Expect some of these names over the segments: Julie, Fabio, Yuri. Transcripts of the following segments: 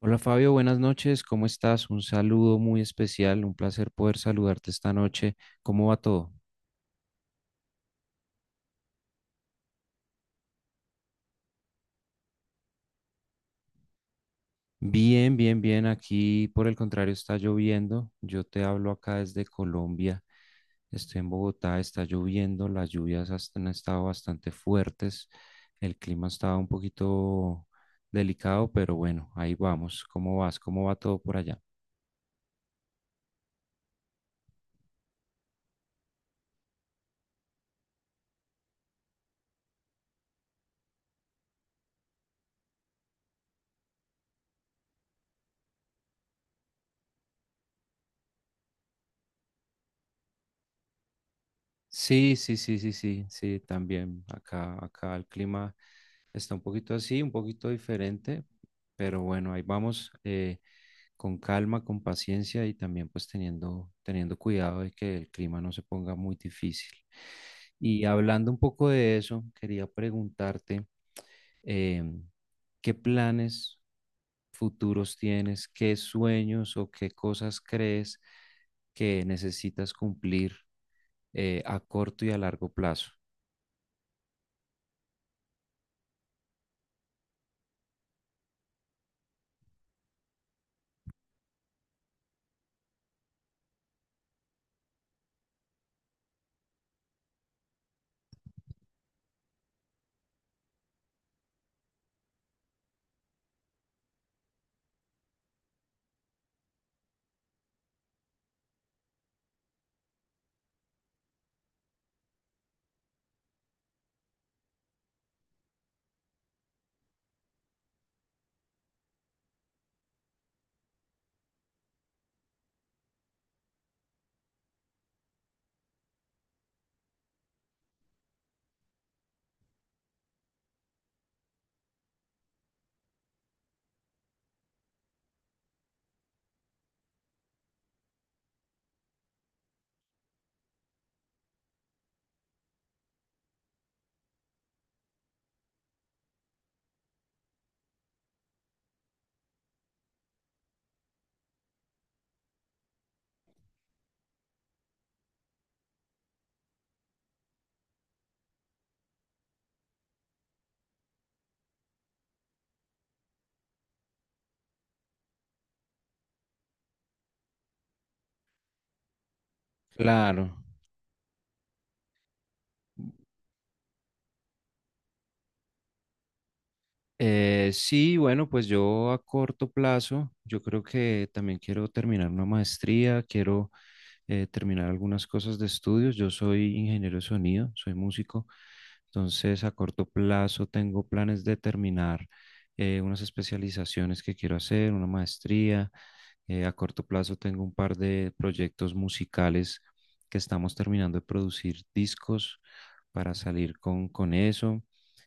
Hola Fabio, buenas noches, ¿cómo estás? Un saludo muy especial, un placer poder saludarte esta noche. ¿Cómo va todo? Bien, bien, bien. Aquí por el contrario está lloviendo. Yo te hablo acá desde Colombia. Estoy en Bogotá, está lloviendo, las lluvias han estado bastante fuertes. El clima estaba un poquito delicado, pero bueno, ahí vamos. ¿Cómo vas? ¿Cómo va todo por allá? Sí, sí, sí, sí, sí, sí, también acá, acá el clima. Está un poquito así, un poquito diferente, pero bueno, ahí vamos con calma, con paciencia y también pues teniendo cuidado de que el clima no se ponga muy difícil. Y hablando un poco de eso, quería preguntarte em, qué planes futuros tienes, qué sueños o qué cosas crees que necesitas cumplir a corto y a largo plazo. Claro. Sí, bueno, pues yo a corto plazo, yo creo que también quiero terminar una maestría, quiero terminar algunas cosas de estudios. Yo soy ingeniero de sonido, soy músico, entonces a corto plazo tengo planes de terminar unas especializaciones que quiero hacer, una maestría, a corto plazo tengo un par de proyectos musicales que estamos terminando de producir discos para salir con eso.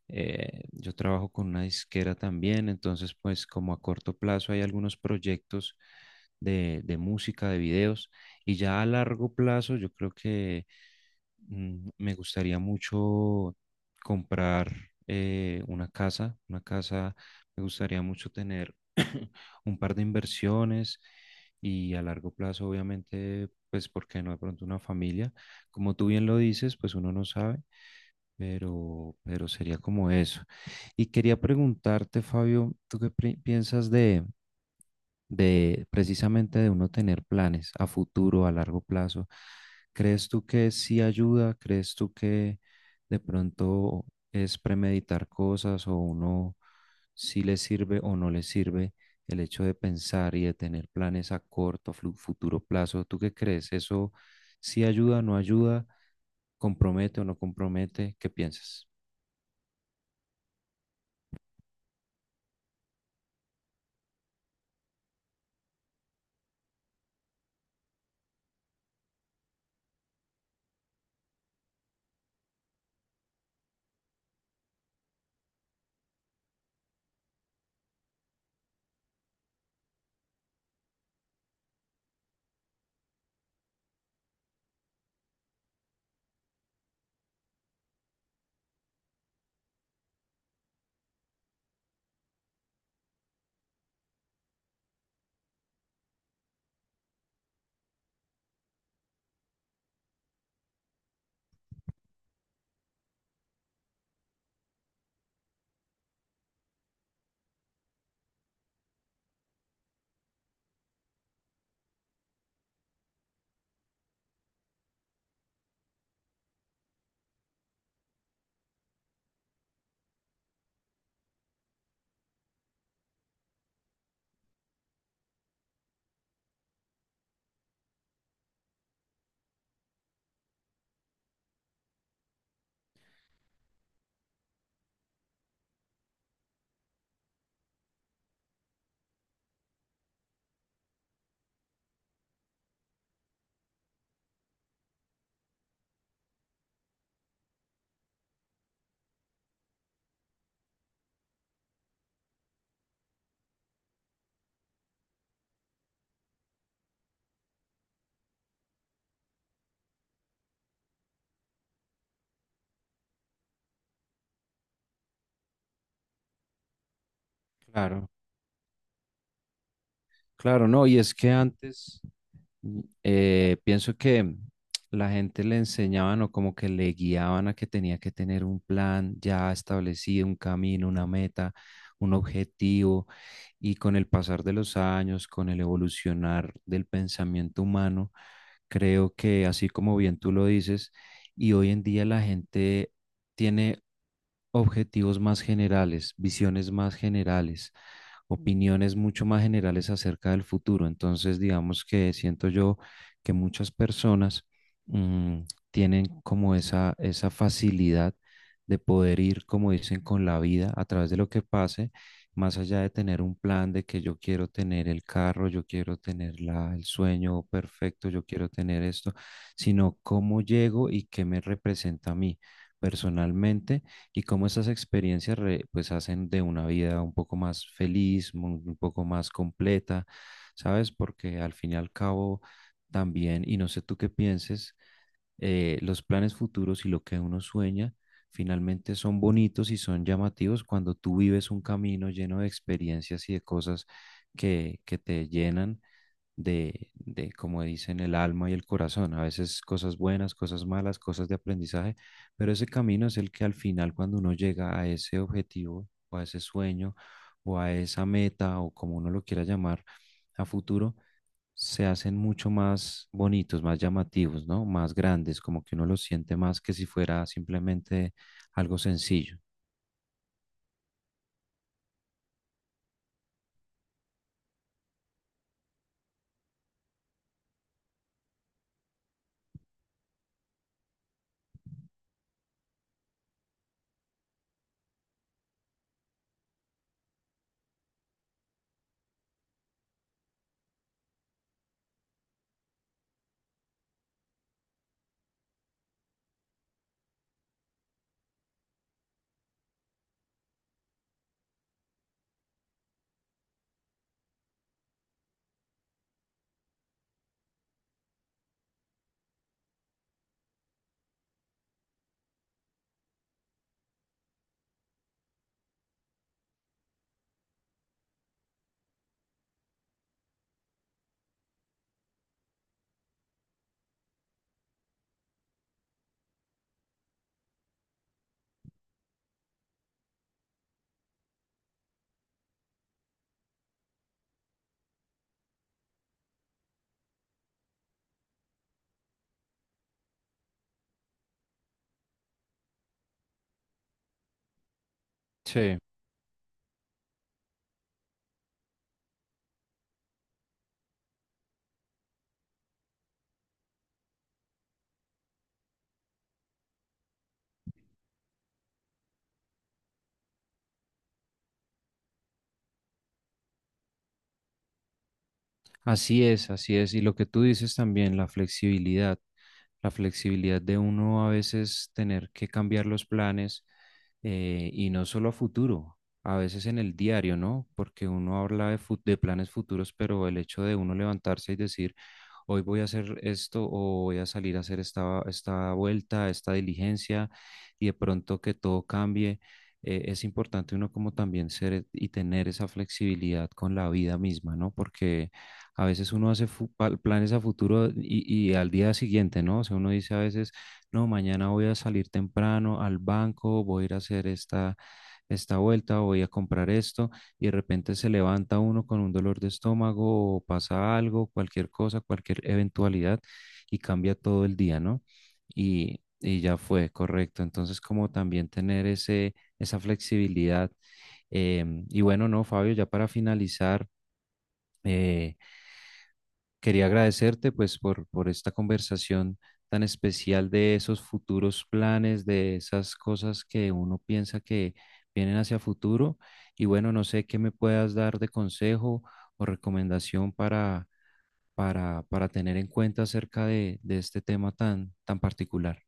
Yo trabajo con una disquera también, entonces pues como a corto plazo hay algunos proyectos de música, de videos, y ya a largo plazo yo creo que me gustaría mucho comprar una casa, me gustaría mucho tener un par de inversiones y a largo plazo, obviamente, pues, porque no de pronto una familia? Como tú bien lo dices, pues uno no sabe, pero sería como eso. Y quería preguntarte, Fabio, ¿tú qué piensas de precisamente de uno tener planes a futuro, a largo plazo? ¿Crees tú que sí ayuda? ¿Crees tú que de pronto es premeditar cosas o uno sí le sirve o no le sirve el hecho de pensar y de tener planes a corto, futuro plazo? ¿Tú qué crees? ¿Eso sí ayuda o no ayuda? ¿Compromete o no compromete? ¿Qué piensas? Claro, claro, no. Y es que antes... pienso que la gente le enseñaban o como que le guiaban a que tenía que tener un plan ya establecido, un camino, una meta, un objetivo, y con el pasar de los años, con el evolucionar del pensamiento humano, creo que así como bien tú lo dices, y hoy en día la gente tiene objetivos más generales, visiones más generales, opiniones mucho más generales acerca del futuro. Entonces, digamos que siento yo que muchas personas mm, tienen como esa facilidad de poder ir, como dicen, con la vida a través de lo que pase, más allá de tener un plan de que yo quiero tener el carro, yo quiero tener la, el sueño perfecto, yo quiero tener esto, sino cómo llego y qué me representa a mí personalmente y cómo esas experiencias pues hacen de una vida un poco más feliz, un poco más completa, ¿sabes? Porque al fin y al cabo también, y no sé tú qué pienses, los planes futuros y lo que uno sueña finalmente son bonitos y son llamativos cuando tú vives un camino lleno de experiencias y de cosas que te llenan de, como dicen, el alma y el corazón. A veces cosas buenas, cosas malas, cosas de aprendizaje, pero ese camino es el que al final cuando uno llega a ese objetivo o a ese sueño o a esa meta o como uno lo quiera llamar a futuro, se hacen mucho más bonitos, más llamativos, ¿no? Más grandes, como que uno los siente más que si fuera simplemente algo sencillo. Sí, así es, así es. Y lo que tú dices también, la flexibilidad. La flexibilidad de uno a veces tener que cambiar los planes y no solo a futuro, a veces en el diario, ¿no? Porque uno habla de, de planes futuros, pero el hecho de uno levantarse y decir, hoy voy a hacer esto o voy a salir a hacer esta, esta vuelta, esta diligencia y de pronto que todo cambie. Es importante uno como también ser y tener esa flexibilidad con la vida misma, ¿no? Porque a veces uno hace planes a futuro y al día siguiente, ¿no? O sea, uno dice a veces, no, mañana voy a salir temprano al banco, voy a ir a hacer esta, esta vuelta, voy a comprar esto, y de repente se levanta uno con un dolor de estómago o pasa algo, cualquier cosa, cualquier eventualidad, y cambia todo el día, ¿no? Y ya fue, correcto. Entonces, como también tener ese, esa flexibilidad. Y bueno, no, Fabio, ya para finalizar. eh, Quería agradecerte pues por esta conversación tan especial de esos futuros planes, de esas cosas que uno piensa que vienen hacia futuro. Y bueno, no sé qué me puedas dar de consejo o recomendación para tener en cuenta acerca de este tema tan, tan particular.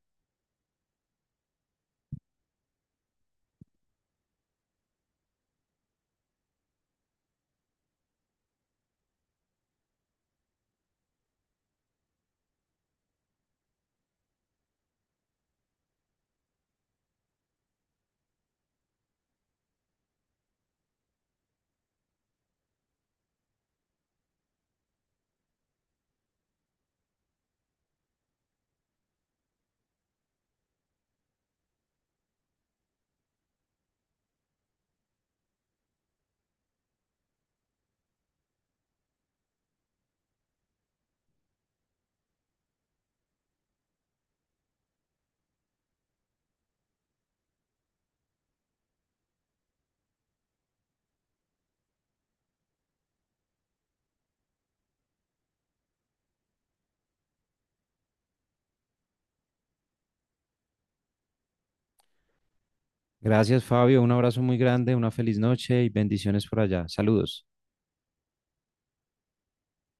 Gracias, Fabio. Un abrazo muy grande, una feliz noche y bendiciones por allá. Saludos.